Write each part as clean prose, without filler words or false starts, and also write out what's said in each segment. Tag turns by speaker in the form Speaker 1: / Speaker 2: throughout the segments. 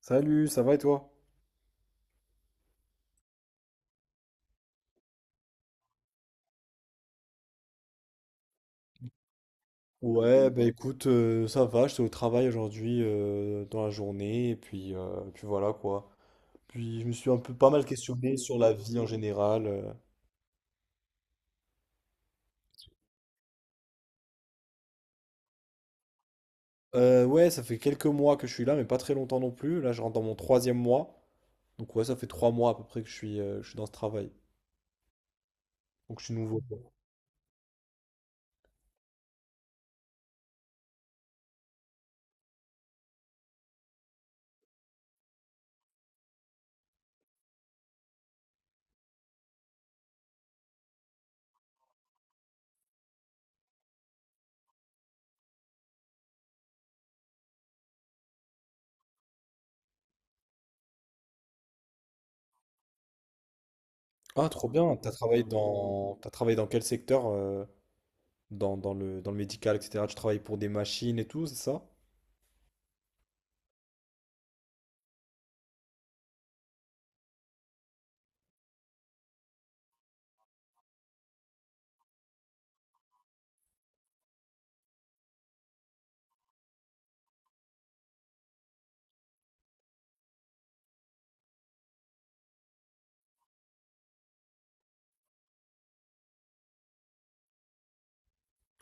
Speaker 1: Salut, ça va et toi? Ouais, bah écoute, ça va, j'étais au travail aujourd'hui dans la journée, et puis, puis voilà quoi. Puis je me suis un peu pas mal questionné sur la vie en général. Ouais, ça fait quelques mois que je suis là, mais pas très longtemps non plus. Là, je rentre dans mon troisième mois. Donc ouais, ça fait trois mois à peu près que je suis dans ce travail. Donc je suis nouveau, quoi. Ah, trop bien. T'as travaillé dans quel secteur? Dans le médical, etc. Tu travailles pour des machines et tout, c'est ça?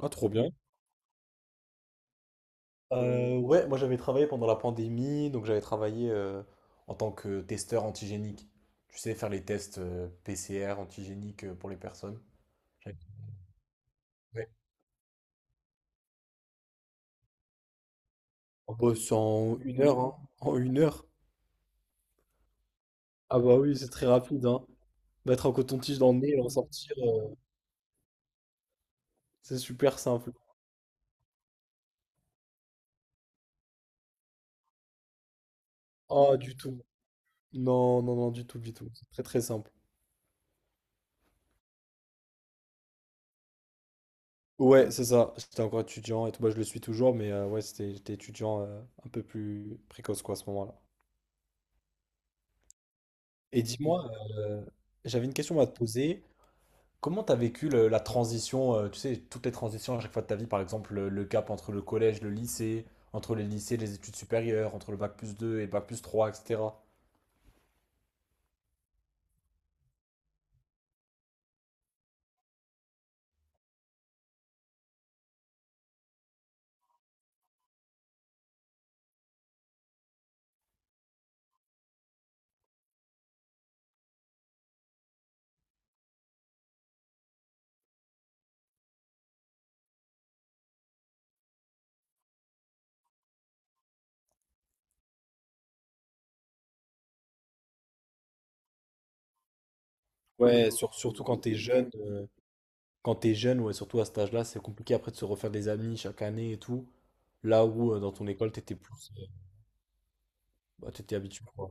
Speaker 1: Ah, trop bien. Ouais, moi j'avais travaillé pendant la pandémie, donc j'avais travaillé en tant que testeur antigénique. Tu sais, faire les tests PCR antigéniques pour les personnes. J'avais- Ouais. En bosse en une heure, hein. En une heure. Ah bah oui, c'est très rapide, hein. Mettre un coton-tige dans le nez et le ressortir, c'est super simple. Ah, du tout. Non, non, non, du tout, du tout. C'est très très simple. Ouais, c'est ça. J'étais encore étudiant et tout. Bah, je le suis toujours, mais ouais, j'étais étudiant un peu plus précoce quoi à ce moment-là. Et dis-moi, euh, j'avais une question à te poser. Comment tu as vécu la transition, tu sais, toutes les transitions à chaque fois de ta vie, par exemple le cap entre le collège, le lycée, entre les lycées, les études supérieures, entre le bac plus 2 et bac plus 3, etc. Ouais, surtout quand t'es jeune, ouais, surtout à cet âge-là, c'est compliqué après de se refaire des amis chaque année et tout. Là où dans ton école, t'étais plus, t'étais habitué, quoi.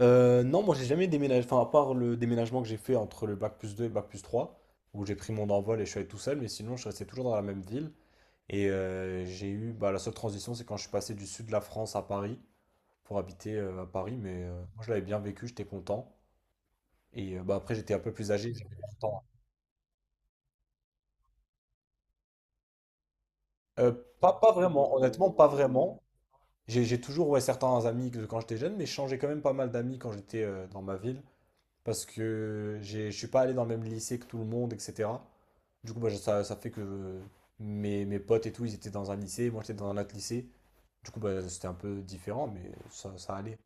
Speaker 1: Non, moi j'ai jamais déménagé, enfin à part le déménagement que j'ai fait entre le bac plus 2 et le bac plus 3, où j'ai pris mon envol et je suis allé tout seul, mais sinon je restais toujours dans la même ville. Et j'ai eu, bah, la seule transition, c'est quand je suis passé du sud de la France à Paris pour habiter à Paris, mais moi je l'avais bien vécu, j'étais content. Et bah, après j'étais un peu plus âgé, j'avais 20 ans. Euh, Pas, pas vraiment, honnêtement, pas vraiment. J'ai toujours ouais, certains amis que quand j'étais jeune, mais je changeais quand même pas mal d'amis quand j'étais dans ma ville. Parce que je suis pas allé dans le même lycée que tout le monde, etc. Du coup, bah, ça fait que mes potes et tout, ils étaient dans un lycée, moi j'étais dans un autre lycée. Du coup, bah, c'était un peu différent, mais ça allait.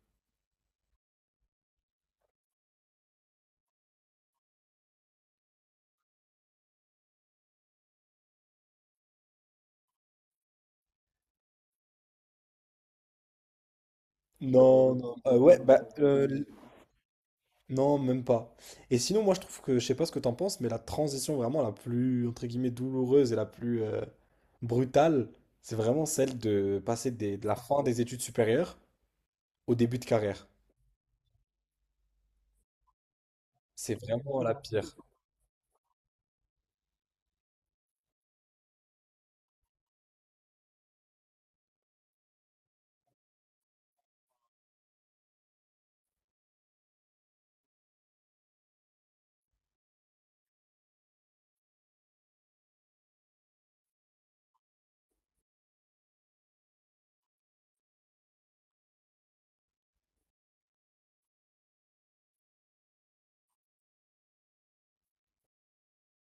Speaker 1: Non, non, ouais, non, même pas. Et sinon, moi, je trouve que, je sais pas ce que t'en penses, mais la transition vraiment la plus, entre guillemets, douloureuse et la plus brutale, c'est vraiment celle de passer de la fin des études supérieures au début de carrière. C'est vraiment la pire.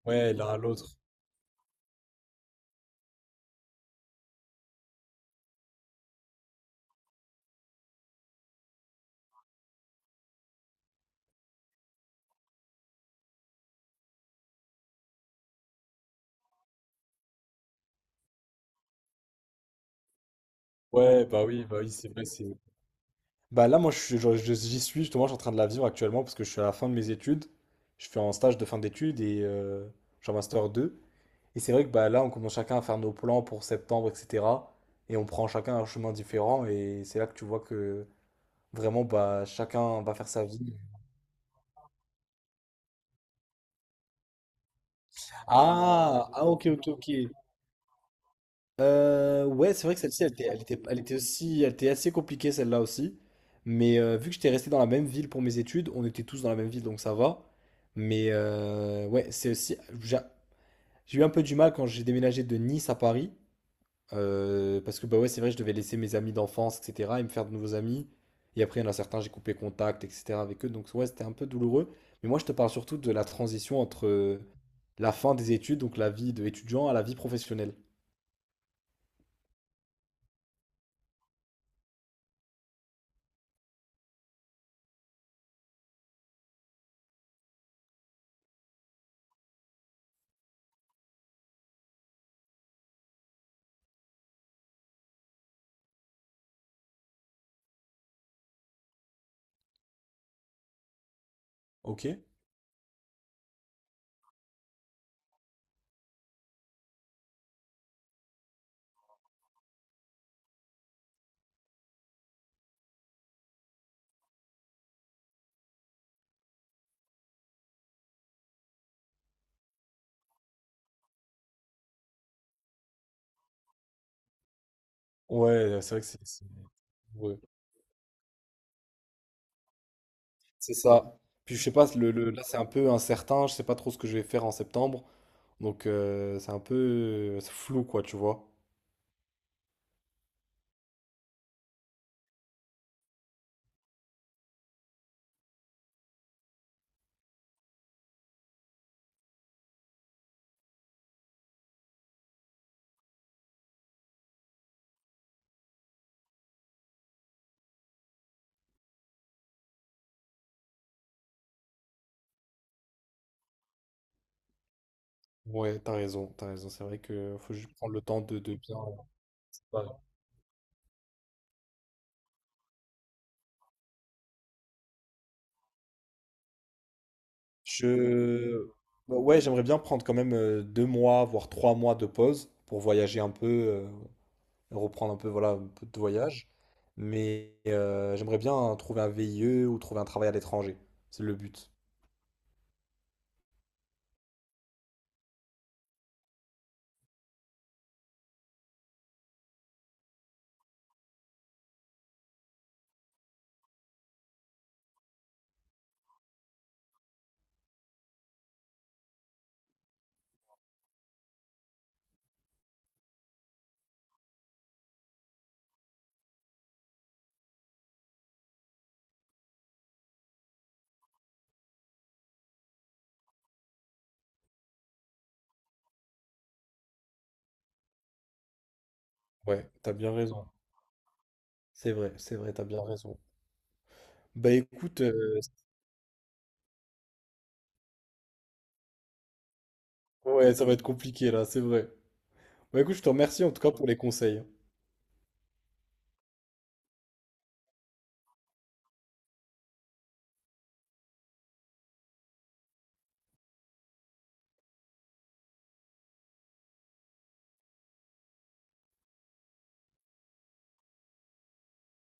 Speaker 1: Ouais, l'un à l'autre. Ouais, bah oui, c'est vrai, c'est... Bah là, moi, je suis- je- j'y suis, justement, je suis en train de la vivre actuellement parce que je suis à la fin de mes études. Je fais un stage de fin d'études et je suis en master deux. Et c'est vrai que bah, là, on commence chacun à faire nos plans pour septembre, etc. Et on prend chacun un chemin différent et c'est là que tu vois que vraiment, bah, chacun va faire sa vie. Ah, ah, ok, ok, ok. Ouais, c'est vrai que celle-ci, elle était assez compliquée celle-là aussi. Mais vu que j'étais resté dans la même ville pour mes études, on était tous dans la même ville, donc ça va. Mais ouais, j'ai eu un peu du mal quand j'ai déménagé de Nice à Paris, parce que bah ouais, c'est vrai, je devais laisser mes amis d'enfance, etc., et me faire de nouveaux amis. Et après, il y en a certains, j'ai coupé contact, etc. avec eux, donc ouais, c'était un peu douloureux. Mais moi, je te parle surtout de la transition entre la fin des études, donc la vie d'étudiant, à la vie professionnelle. Ok? Ouais, c'est vrai que c'est ouais, c'est ça. Puis je sais pas, là c'est un peu incertain, je sais pas trop ce que je vais faire en septembre. Donc c'est un peu c'est flou quoi, tu vois. Ouais, t'as raison, t'as raison. C'est vrai que faut juste prendre le temps de bien. Ouais. Je Bah ouais, j'aimerais bien prendre quand même deux mois, voire trois mois de pause pour voyager un peu, reprendre un peu, voilà, un peu de voyage. Mais j'aimerais bien trouver un VIE ou trouver un travail à l'étranger. C'est le but. Ouais, t'as bien raison. C'est vrai, t'as bien raison. Bah écoute, ouais, ça va être compliqué là, c'est vrai. Bah écoute, je te remercie en tout cas pour les conseils.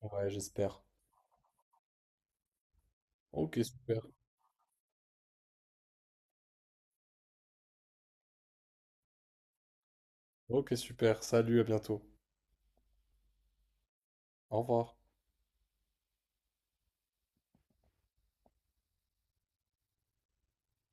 Speaker 1: Ouais, j'espère. Ok, super. Ok, super. Salut, à bientôt. Au revoir.